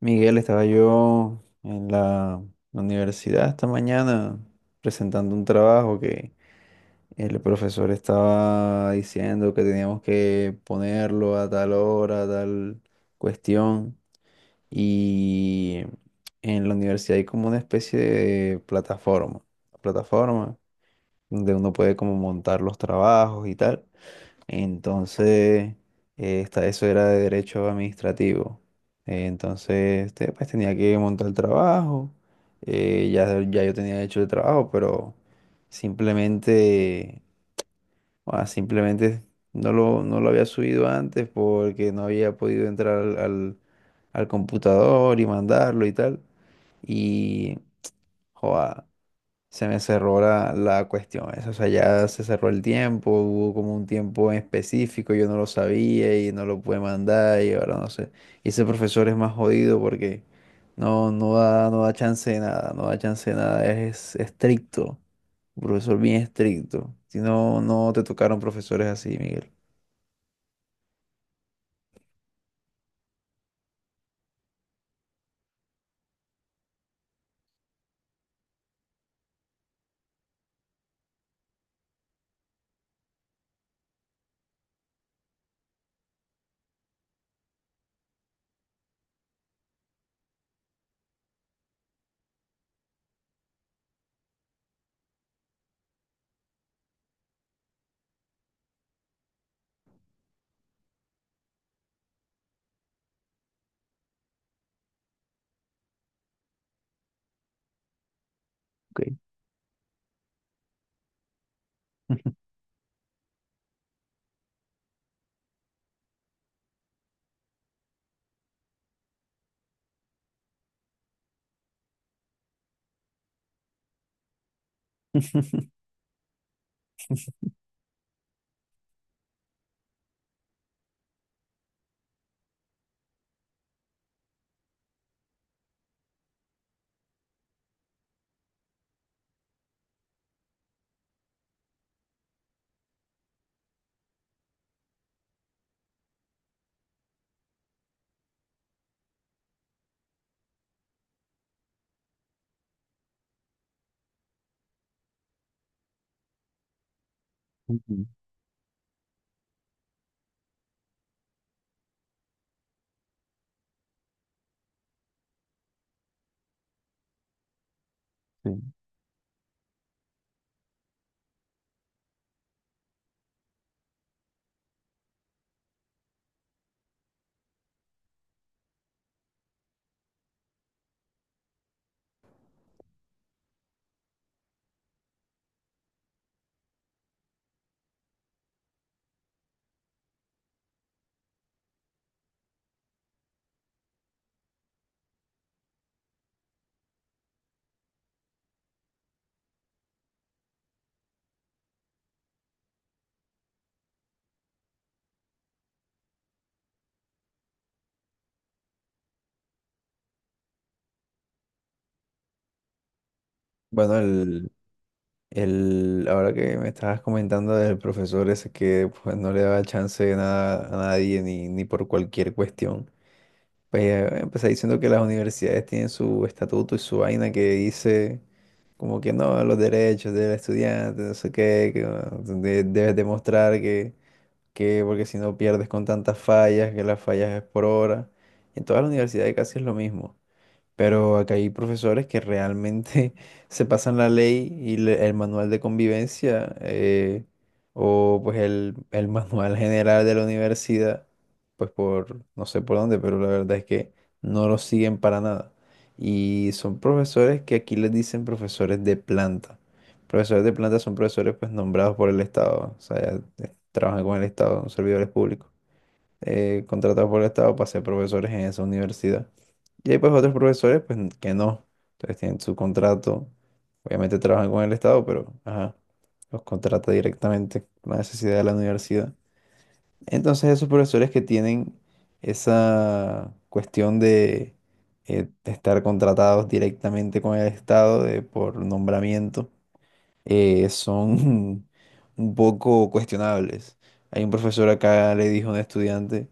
Miguel, estaba yo en la universidad esta mañana presentando un trabajo que el profesor estaba diciendo que teníamos que ponerlo a tal hora, a tal cuestión. Y en la universidad hay como una especie de plataforma donde uno puede como montar los trabajos y tal. Entonces, eso era de derecho administrativo. Entonces, este, pues tenía que montar el trabajo. Ya yo tenía hecho el trabajo, pero simplemente, simplemente no lo había subido antes porque no había podido entrar al computador y mandarlo y tal. Y, joda, se me cerró la cuestión esa, o sea, ya se cerró el tiempo, hubo como un tiempo en específico, yo no lo sabía y no lo pude mandar y ahora no sé. Y ese profesor es más jodido porque no da chance de nada, no da chance de nada, es estricto, un profesor bien estricto. Si no, no te tocaron profesores así, Miguel. Ok. Ujú, sí. Bueno, el, El, ahora que me estabas comentando del profesor ese que pues, no le daba chance de nada a nadie ni por cualquier cuestión, pues empecé diciendo que las universidades tienen su estatuto y su vaina que dice como que no, los derechos del estudiante, no sé qué, que debes demostrar que porque si no pierdes con tantas fallas, que las fallas es por hora. En todas las universidades casi es lo mismo. Pero acá hay profesores que realmente se pasan la ley y el manual de convivencia o pues el manual general de la universidad, pues por no sé por dónde, pero la verdad es que no lo siguen para nada. Y son profesores que aquí les dicen profesores de planta. Profesores de planta son profesores pues nombrados por el Estado, o sea, ya, trabajan con el Estado, son servidores públicos contratados por el Estado para ser profesores en esa universidad. Y hay pues otros profesores que no. Entonces tienen su contrato, obviamente trabajan con el Estado, pero ajá, los contrata directamente con la necesidad de la universidad. Entonces esos profesores que tienen esa cuestión de estar contratados directamente con el Estado por nombramiento, son un poco cuestionables. Hay un profesor acá le dijo a un estudiante,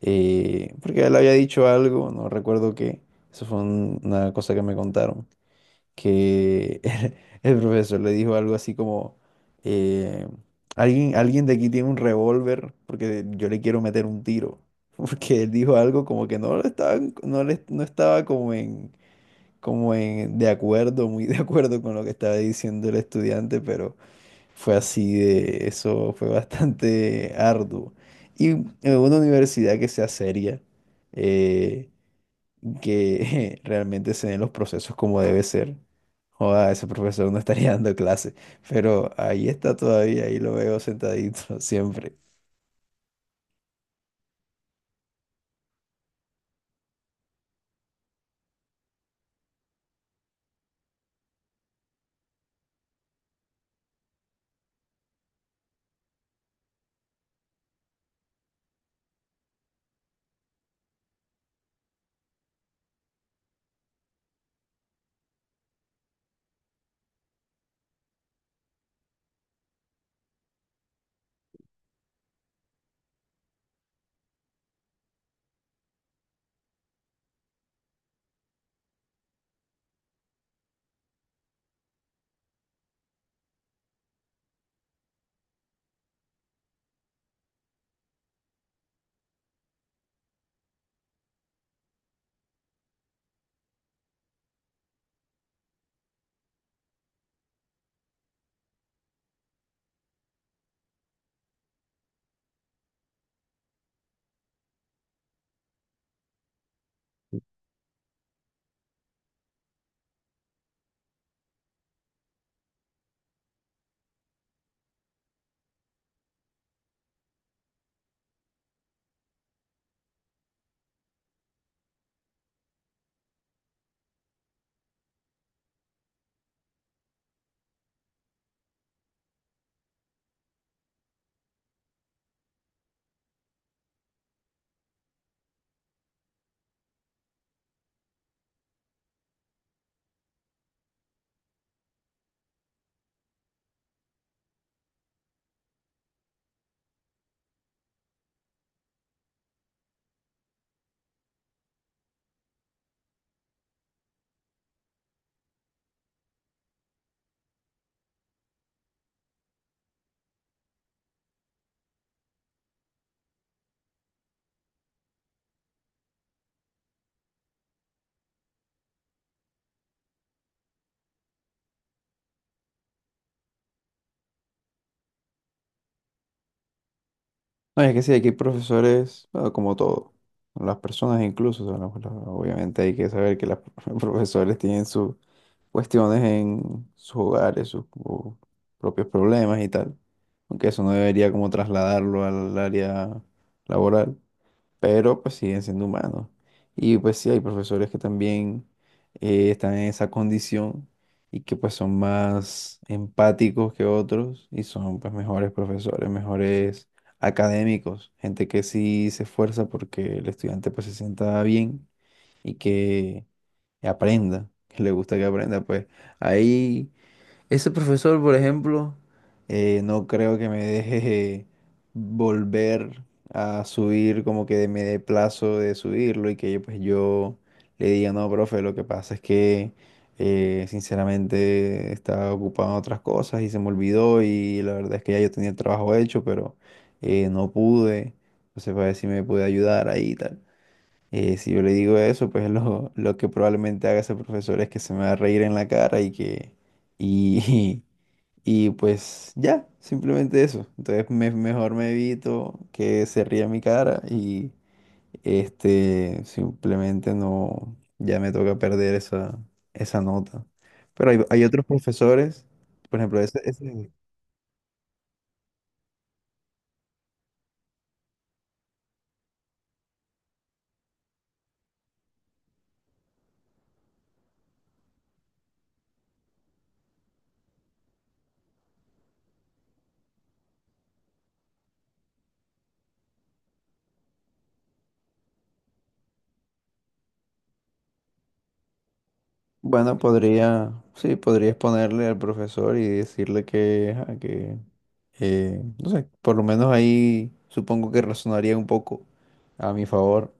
porque él había dicho algo, no recuerdo qué, eso fue una cosa que me contaron, que el, profesor le dijo algo así como, eh, alguien de aquí tiene un revólver porque yo le quiero meter un tiro. Porque él dijo algo como que no lo estaba, no estaba como en, como en, de acuerdo, muy de acuerdo con lo que estaba diciendo el estudiante, pero fue así de, eso fue bastante arduo. Y en una universidad que sea seria, eh, que realmente se den los procesos como debe ser. Joda, ese profesor no estaría dando clase, pero ahí está todavía, ahí lo veo sentadito siempre. No, es que sí, aquí hay profesores, bueno, como todo, las personas incluso, o sea, obviamente hay que saber que los profesores tienen su, cuestiones en sus hogares, sus o propios problemas y tal. Aunque eso no debería como trasladarlo al área laboral, pero pues siguen siendo humanos. Y pues sí, hay profesores que también están en esa condición y que pues son más empáticos que otros y son pues mejores profesores, mejores académicos, gente que sí se esfuerza porque el estudiante pues se sienta bien y que aprenda, que le gusta que aprenda, pues ahí ese profesor, por ejemplo, no creo que me deje volver a subir como que me dé plazo de subirlo y que yo, pues yo le diga, no, profe, lo que pasa es que sinceramente estaba ocupado en otras cosas y se me olvidó y la verdad es que ya yo tenía el trabajo hecho, pero no pude, entonces para ver si me puede ayudar ahí y tal. Si yo le digo eso, pues lo que probablemente haga ese profesor es que se me va a reír en la cara y que... Y, y pues ya, simplemente eso. Entonces mejor me evito que se ría en mi cara y este, simplemente no, ya me toca perder esa nota. Pero hay otros profesores, por ejemplo, bueno, podría, sí, podrías ponerle al profesor y decirle que, ajá, que no sé, por lo menos ahí supongo que razonaría un poco a mi favor.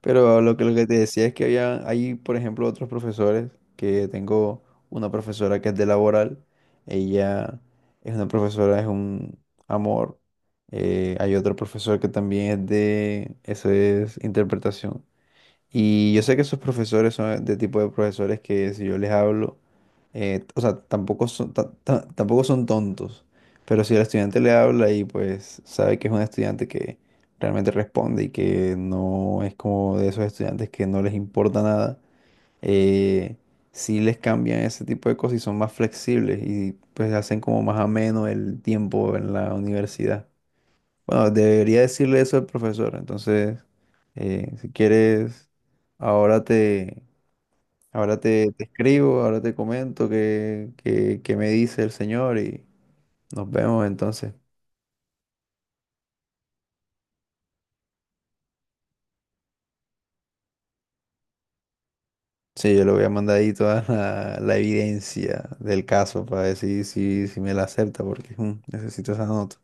Pero lo que te decía es que había, hay, por ejemplo, otros profesores, que tengo una profesora que es de laboral, ella es una profesora, es un amor. Hay otro profesor que también es de, eso es interpretación. Y yo sé que esos profesores son de tipo de profesores que si yo les hablo, o sea, tampoco son, tampoco son tontos, pero si el estudiante le habla y pues sabe que es un estudiante que realmente responde y que no es como de esos estudiantes que no les importa nada, eh, sí les cambian ese tipo de cosas y son más flexibles y pues hacen como más ameno el tiempo en la universidad. Bueno, debería decirle eso al profesor. Entonces, si quieres, ahora te, ahora te, te escribo, ahora te comento qué, qué me dice el señor y nos vemos entonces. Sí, yo le voy a mandar ahí toda la evidencia del caso para decir si, si me la acepta, porque mm, necesito esa nota.